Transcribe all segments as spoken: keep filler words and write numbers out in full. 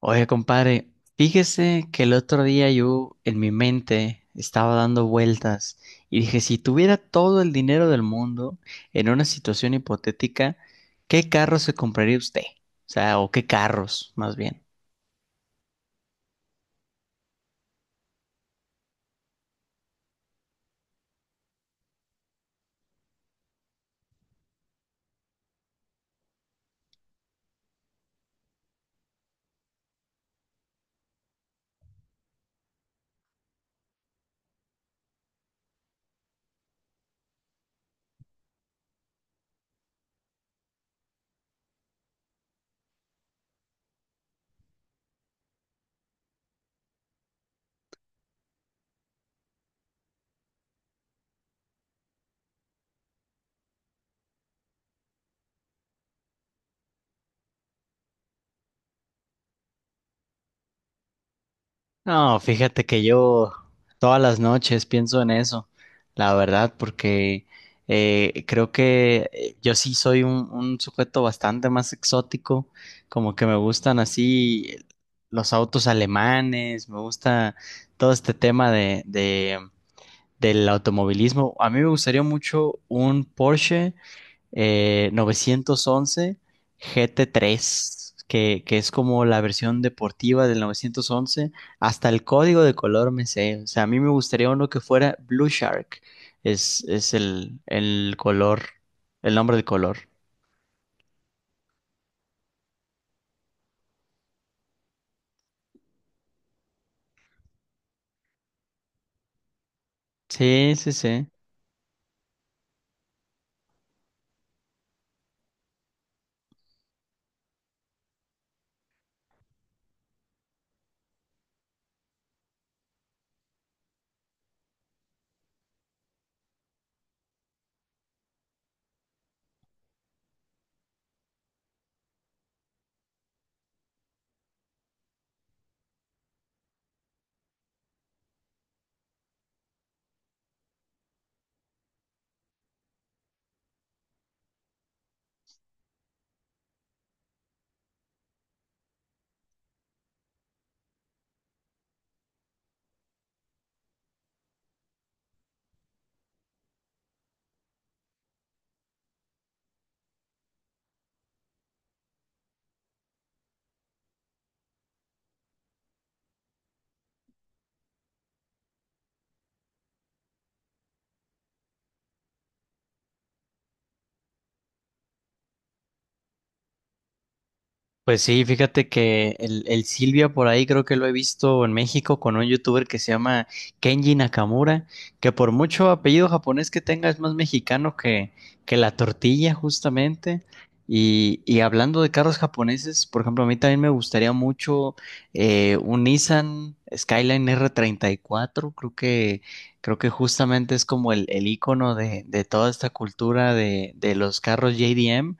Oye, compadre, fíjese que el otro día yo en mi mente estaba dando vueltas y dije, si tuviera todo el dinero del mundo en una situación hipotética, ¿qué carro se compraría usted? O sea, o qué carros, más bien. No, fíjate que yo todas las noches pienso en eso, la verdad, porque eh, creo que eh, yo sí soy un, un sujeto bastante más exótico, como que me gustan así los autos alemanes, me gusta todo este tema de, de, del automovilismo. A mí me gustaría mucho un Porsche eh, nueve once G T tres, que, que es como la versión deportiva del nueve once. Hasta el código de color me sé. O sea, a mí me gustaría uno que fuera Blue Shark. Es, es el, el color, el nombre del color. Sí, sí, sí. Pues sí, fíjate que el, el Silvia por ahí creo que lo he visto en México con un youtuber que se llama Kenji Nakamura, que por mucho apellido japonés que tenga es más mexicano que, que la tortilla justamente. Y, y hablando de carros japoneses, por ejemplo, a mí también me gustaría mucho eh, un Nissan Skyline R treinta y cuatro, creo que, creo que justamente es como el, el icono de, de toda esta cultura de, de los carros J D M.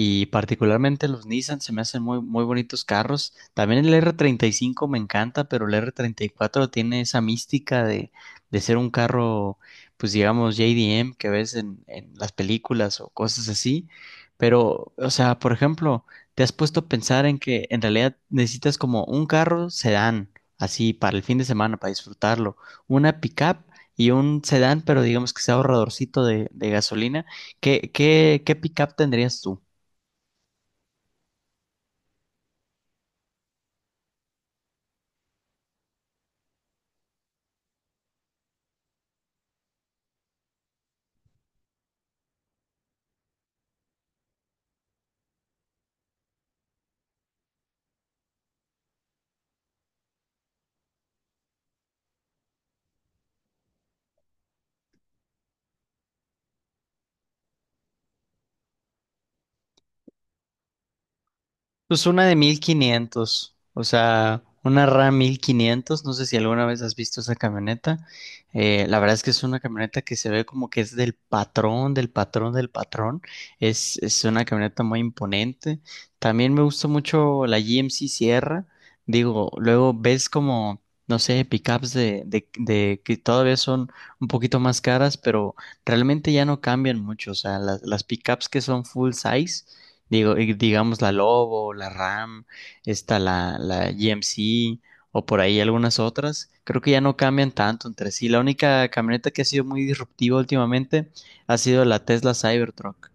Y particularmente los Nissan se me hacen muy, muy bonitos carros. También el r treinta y cinco me encanta, pero el R treinta y cuatro treinta y cuatro tiene esa mística de, de ser un carro, pues digamos, J D M que ves en, en las películas o cosas así. Pero, o sea, por ejemplo, te has puesto a pensar en que en realidad necesitas como un carro sedán, así para el fin de semana, para disfrutarlo, una pickup y un sedán, pero digamos que sea ahorradorcito de, de gasolina. ¿Qué, qué, qué pickup tendrías tú? Pues una de mil quinientos, o sea, una RAM mil quinientos. no sé si alguna vez has visto esa camioneta. Eh, la verdad es que es una camioneta que se ve como que es del patrón, del patrón, del patrón. Es, es una camioneta muy imponente. También me gusta mucho la G M C Sierra. Digo, luego ves como, no sé, pickups de, de, de que todavía son un poquito más caras, pero realmente ya no cambian mucho. O sea, las, las pickups que son full size. Digo, y digamos la Lobo, la RAM, está la, la G M C o por ahí algunas otras. Creo que ya no cambian tanto entre sí. La única camioneta que ha sido muy disruptiva últimamente ha sido la Tesla Cybertruck.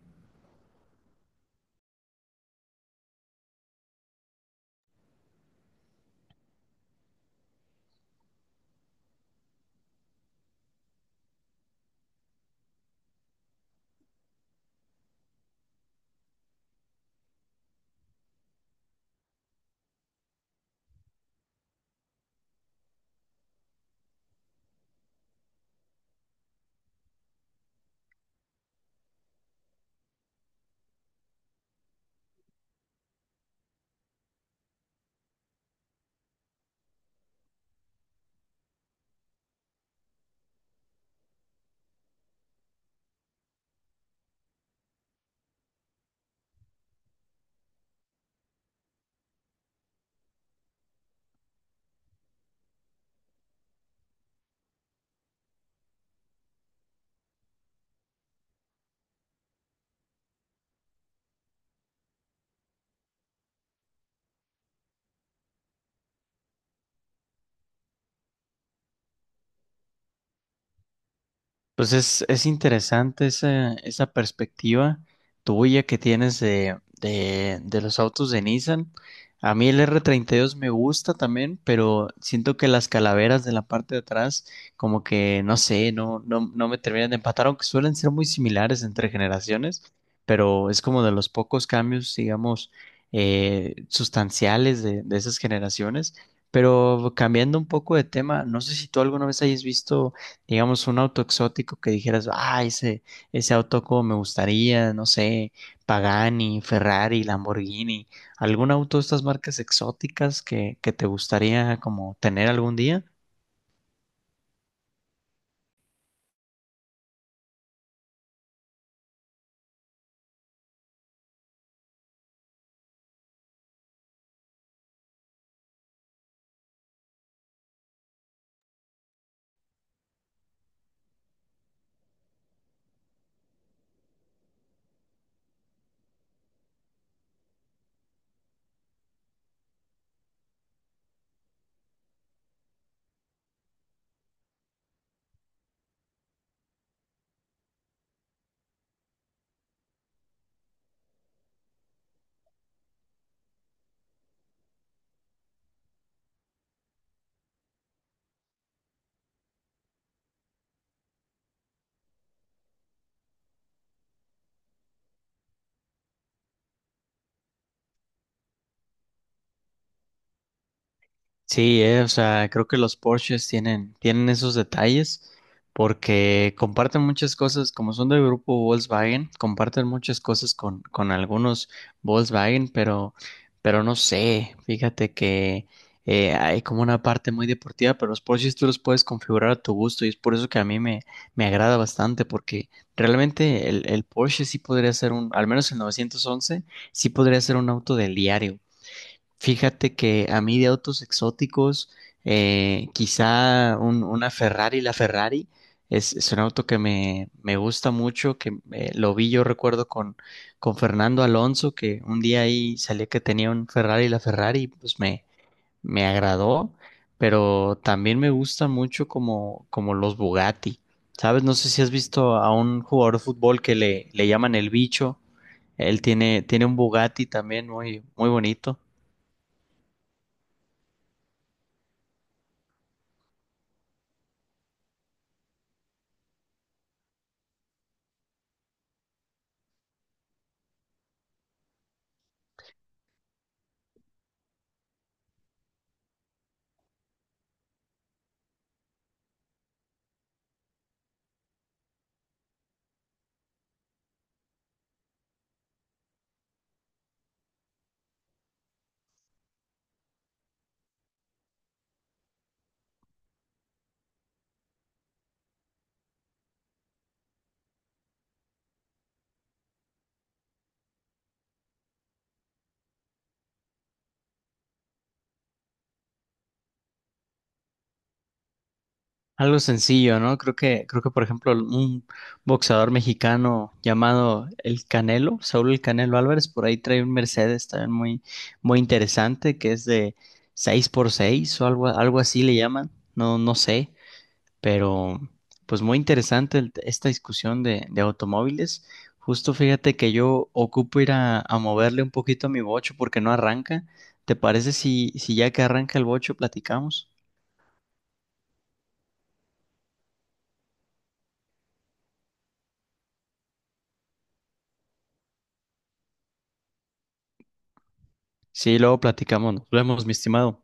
Pues es, es interesante esa, esa perspectiva tuya que tienes de, de, de los autos de Nissan. A mí el r treinta y dos me gusta también, pero siento que las calaveras de la parte de atrás, como que no sé, no, no, no me terminan de empatar, aunque suelen ser muy similares entre generaciones, pero es como de los pocos cambios, digamos, eh, sustanciales de, de esas generaciones. Pero cambiando un poco de tema, no sé si tú alguna vez hayas visto digamos, un auto exótico que dijeras, ah, ese, ese auto como me gustaría, no sé, Pagani, Ferrari, Lamborghini, algún auto de estas marcas exóticas que, que te gustaría como tener algún día. Sí, eh, o sea, creo que los Porsches tienen, tienen esos detalles porque comparten muchas cosas, como son del grupo Volkswagen, comparten muchas cosas con, con algunos Volkswagen, pero, pero no sé, fíjate que eh, hay como una parte muy deportiva, pero los Porsches tú los puedes configurar a tu gusto y es por eso que a mí me, me agrada bastante porque realmente el, el Porsche sí podría ser un, al menos el nueve once, sí podría ser un auto del diario. Fíjate que a mí de autos exóticos, eh, quizá un- una Ferrari, la Ferrari es, es un auto que me, me gusta mucho, que eh, lo vi yo recuerdo con, con Fernando Alonso, que un día ahí salía que tenía un Ferrari, la Ferrari, pues me, me agradó, pero también me gusta mucho como, como los Bugatti, ¿sabes? No sé si has visto a un jugador de fútbol que le, le llaman el bicho, él tiene, tiene un Bugatti también muy, muy bonito. Algo sencillo, ¿no? Creo que, creo que, por ejemplo, un boxeador mexicano llamado El Canelo, Saúl El Canelo Álvarez, por ahí trae un Mercedes también muy, muy interesante, que es de seis por seis o algo, algo así le llaman, no, no sé, pero pues muy interesante el- esta discusión de, de automóviles. Justo fíjate que yo ocupo ir a, a moverle un poquito a mi bocho porque no arranca. ¿Te parece si, si ya que arranca el bocho platicamos? Sí, luego platicamos. Nos vemos, mi estimado.